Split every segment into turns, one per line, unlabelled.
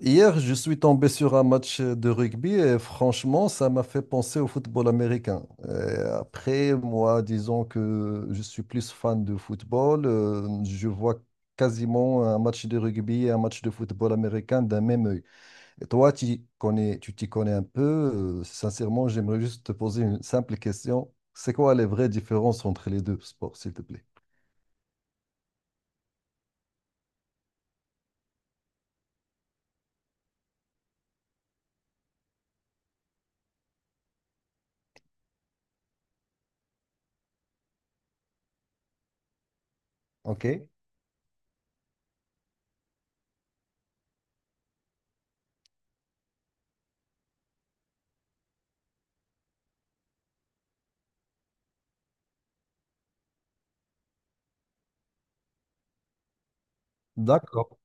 Hier, je suis tombé sur un match de rugby et franchement, ça m'a fait penser au football américain. Et après, moi, disons que je suis plus fan de football, je vois quasiment un match de rugby et un match de football américain d'un même œil. Et toi, tu t'y connais un peu. Sincèrement, j'aimerais juste te poser une simple question. C'est quoi les vraies différences entre les deux sports, s'il te plaît? OK. D'accord.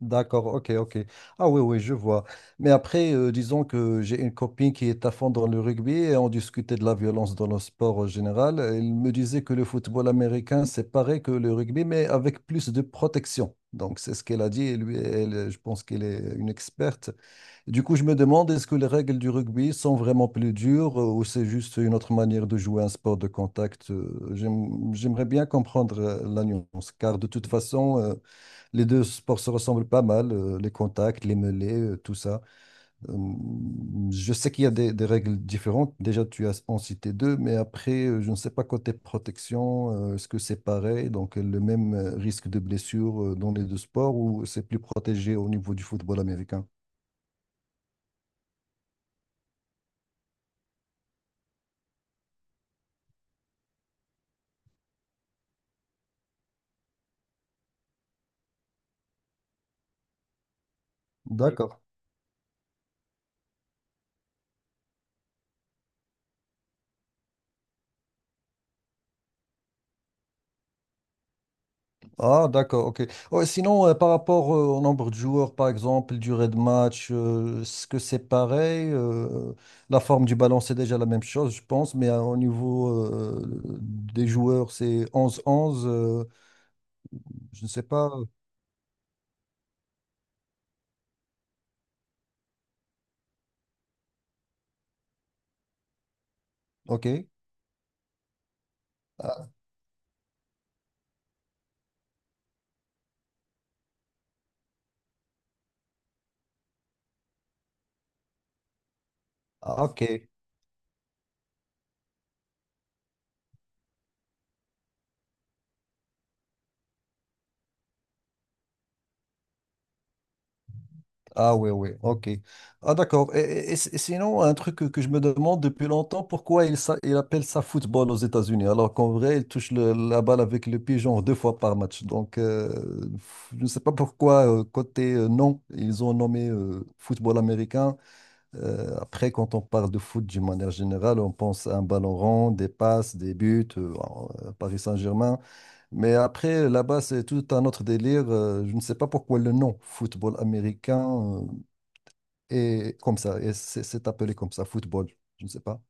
D'accord, ok, ok. Ah oui, oui, je vois. Mais après, disons que j'ai une copine qui est à fond dans le rugby et on discutait de la violence dans le sport en général. Elle me disait que le football américain, c'est pareil que le rugby, mais avec plus de protection. Donc, c'est ce qu'elle a dit et lui, elle, je pense qu'elle est une experte. Du coup, je me demande, est-ce que les règles du rugby sont vraiment plus dures ou c'est juste une autre manière de jouer un sport de contact? J'aimerais bien comprendre la nuance, car de toute façon... les deux sports se ressemblent pas mal, les contacts, les mêlées, tout ça. Euh, je sais qu'il y a des règles différentes. Déjà, tu as en cité deux, mais après, je ne sais pas côté protection, est-ce que c'est pareil? Donc, le même risque de blessure dans les deux sports ou c'est plus protégé au niveau du football américain? D'accord. Ah, d'accord, ok. Ouais, sinon, par rapport au nombre de joueurs, par exemple, durée de match, est-ce que c'est pareil? La forme du ballon, c'est déjà la même chose, je pense, mais au niveau des joueurs, c'est onze onze. Je ne sais pas. Ok. Ah, ah, ok. Ah oui, oui, ok. Ah d'accord. Et sinon, un truc que je me demande depuis longtemps, pourquoi il appelle ça football aux États-Unis, alors qu'en vrai, la balle avec le pied genre deux fois par match. Donc, je ne sais pas pourquoi, côté nom, ils ont nommé football américain. Après, quand on parle de foot d'une manière générale, on pense à un ballon rond, des passes, des buts, Paris Saint-Germain. Mais après, là-bas, c'est tout un autre délire. Je ne sais pas pourquoi le nom football américain. euh, et comme ça, et c'est appelé comme ça, football, je ne sais pas.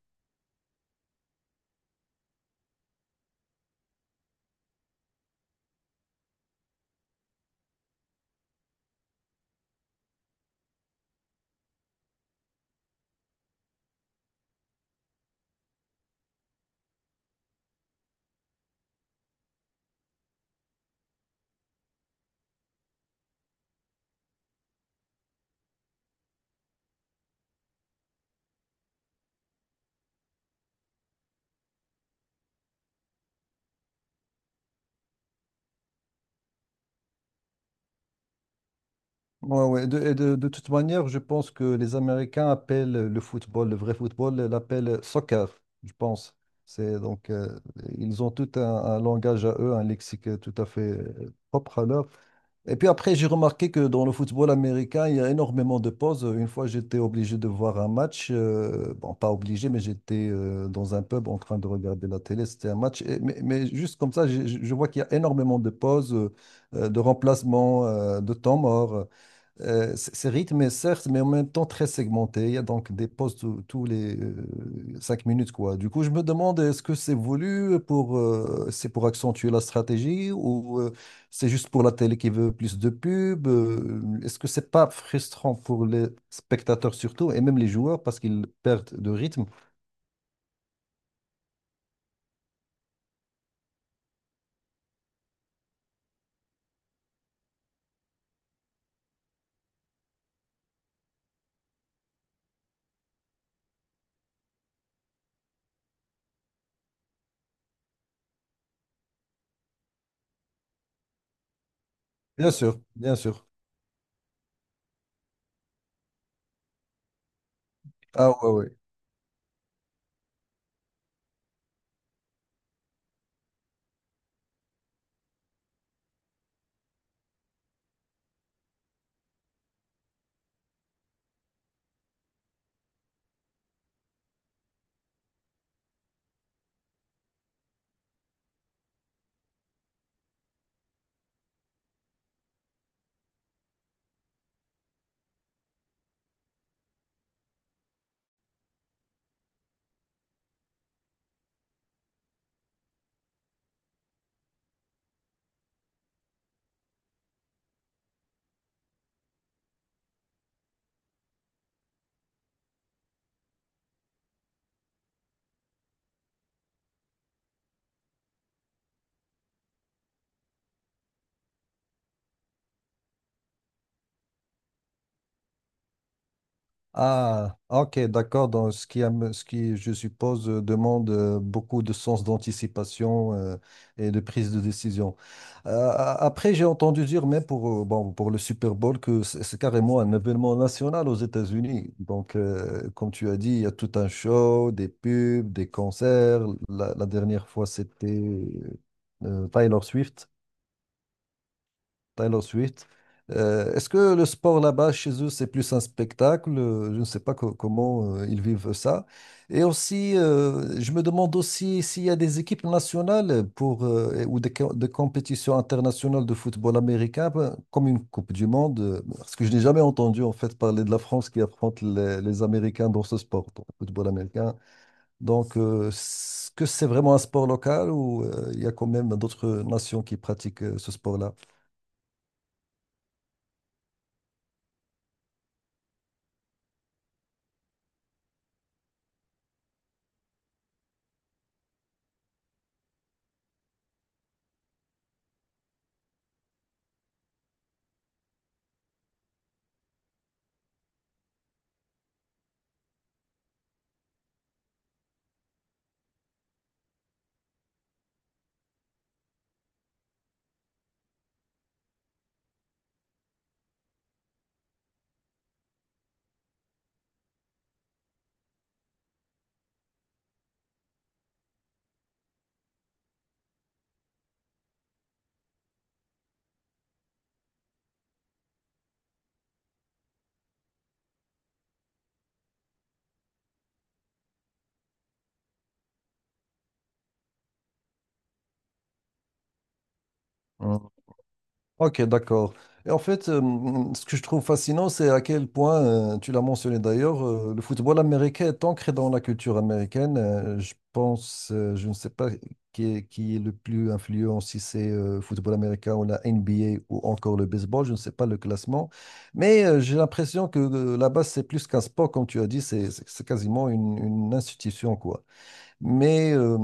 Ouais, ouais. De toute manière, je pense que les Américains appellent le football, le vrai football, ils l'appellent soccer, je pense. C'est donc, euh, Ils ont tout un langage à eux, un lexique tout à fait propre à leur. Et puis après, j'ai remarqué que dans le football américain, il y a énormément de pauses. Une fois, j'étais obligé de voir un match. Bon, pas obligé, mais j'étais dans un pub en train de regarder la télé. C'était un match. Mais juste comme ça, je vois qu'il y a énormément de pauses, de remplacements, de temps mort. C'est rythmé, certes, mais en même temps très segmenté. Il y a donc des pauses tous les cinq minutes, quoi. Du coup, je me demande, est-ce que c'est voulu pour, c'est pour accentuer la stratégie ou c'est juste pour la télé qui veut plus de pubs? Est-ce que c'est pas frustrant pour les spectateurs surtout et même les joueurs parce qu'ils perdent de rythme? Bien sûr, bien sûr. Ah ouais, ouais. Ah, ok, d'accord. Donc, ce qui, je suppose, demande beaucoup de sens d'anticipation et de prise de décision. Après, j'ai entendu dire, mais pour, bon, pour le Super Bowl, que c'est carrément un événement national aux États-Unis. Donc, comme tu as dit, il y a tout un show, des pubs, des concerts. La dernière fois, c'était Taylor Swift. Taylor Swift. Est-ce que le sport là-bas, chez eux, c'est plus un spectacle? Je ne sais pas comment ils vivent ça. Et aussi, je me demande aussi s'il y a des équipes nationales pour, ou des compétitions internationales de football américain, ben, comme une Coupe du Monde, parce que je n'ai jamais entendu en fait parler de la France qui affronte les Américains dans ce sport, dans le football américain. Donc, est-ce que c'est vraiment un sport local ou il y a quand même d'autres nations qui pratiquent ce sport-là? Hein. Ok, d'accord. Et en fait, ce que je trouve fascinant, c'est à quel point, tu l'as mentionné d'ailleurs, le football américain est ancré dans la culture américaine. Je ne sais pas qui est le plus influent, si c'est football américain ou la NBA ou encore le baseball, je ne sais pas le classement. Mais j'ai l'impression que là-bas, c'est plus qu'un sport, comme tu as dit, c'est quasiment une institution, quoi. Mais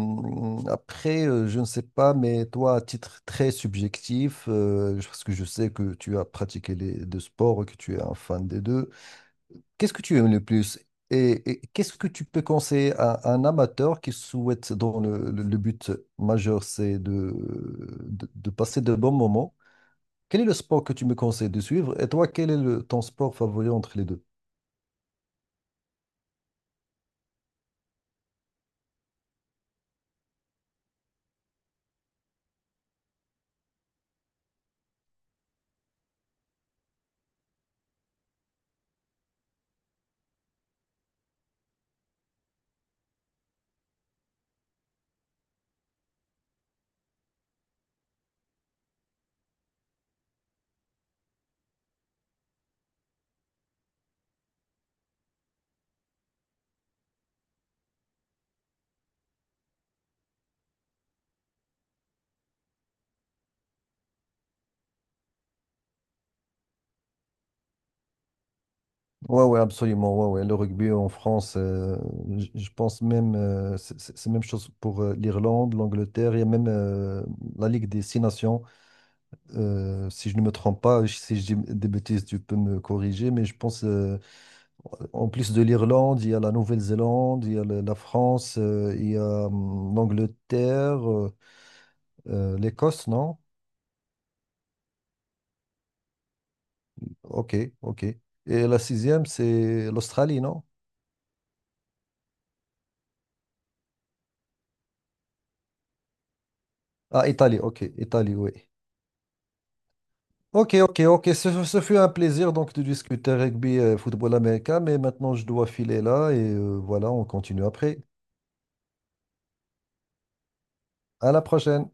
après, je ne sais pas, mais toi, à titre très subjectif, parce que je sais que tu as pratiqué les deux sports, et que tu es un fan des deux, qu'est-ce que tu aimes le plus? Qu'est-ce que tu peux conseiller à un amateur qui souhaite, dont le but majeur, c'est de passer de bons moments? Quel est le sport que tu me conseilles de suivre? Et toi, quel est ton sport favori entre les deux? Ouais, ouais, absolument. Ouais, ouais. Le rugby en France, je pense même, c'est la même chose pour l'Irlande, l'Angleterre. Il y a même la Ligue des Six Nations. Si je ne me trompe pas, si je dis des bêtises, tu peux me corriger. Mais je pense, en plus de l'Irlande, il y a la Nouvelle-Zélande, il y a la France, il y a l'Angleterre, l'Écosse, non? Ok, ok. Et la sixième, c'est l'Australie, non? Ah, Italie, ok. Italie, oui. Ok, ok, ok. Ce fut un plaisir donc de discuter rugby et football américain, mais maintenant je dois filer là et voilà, on continue après. À la prochaine.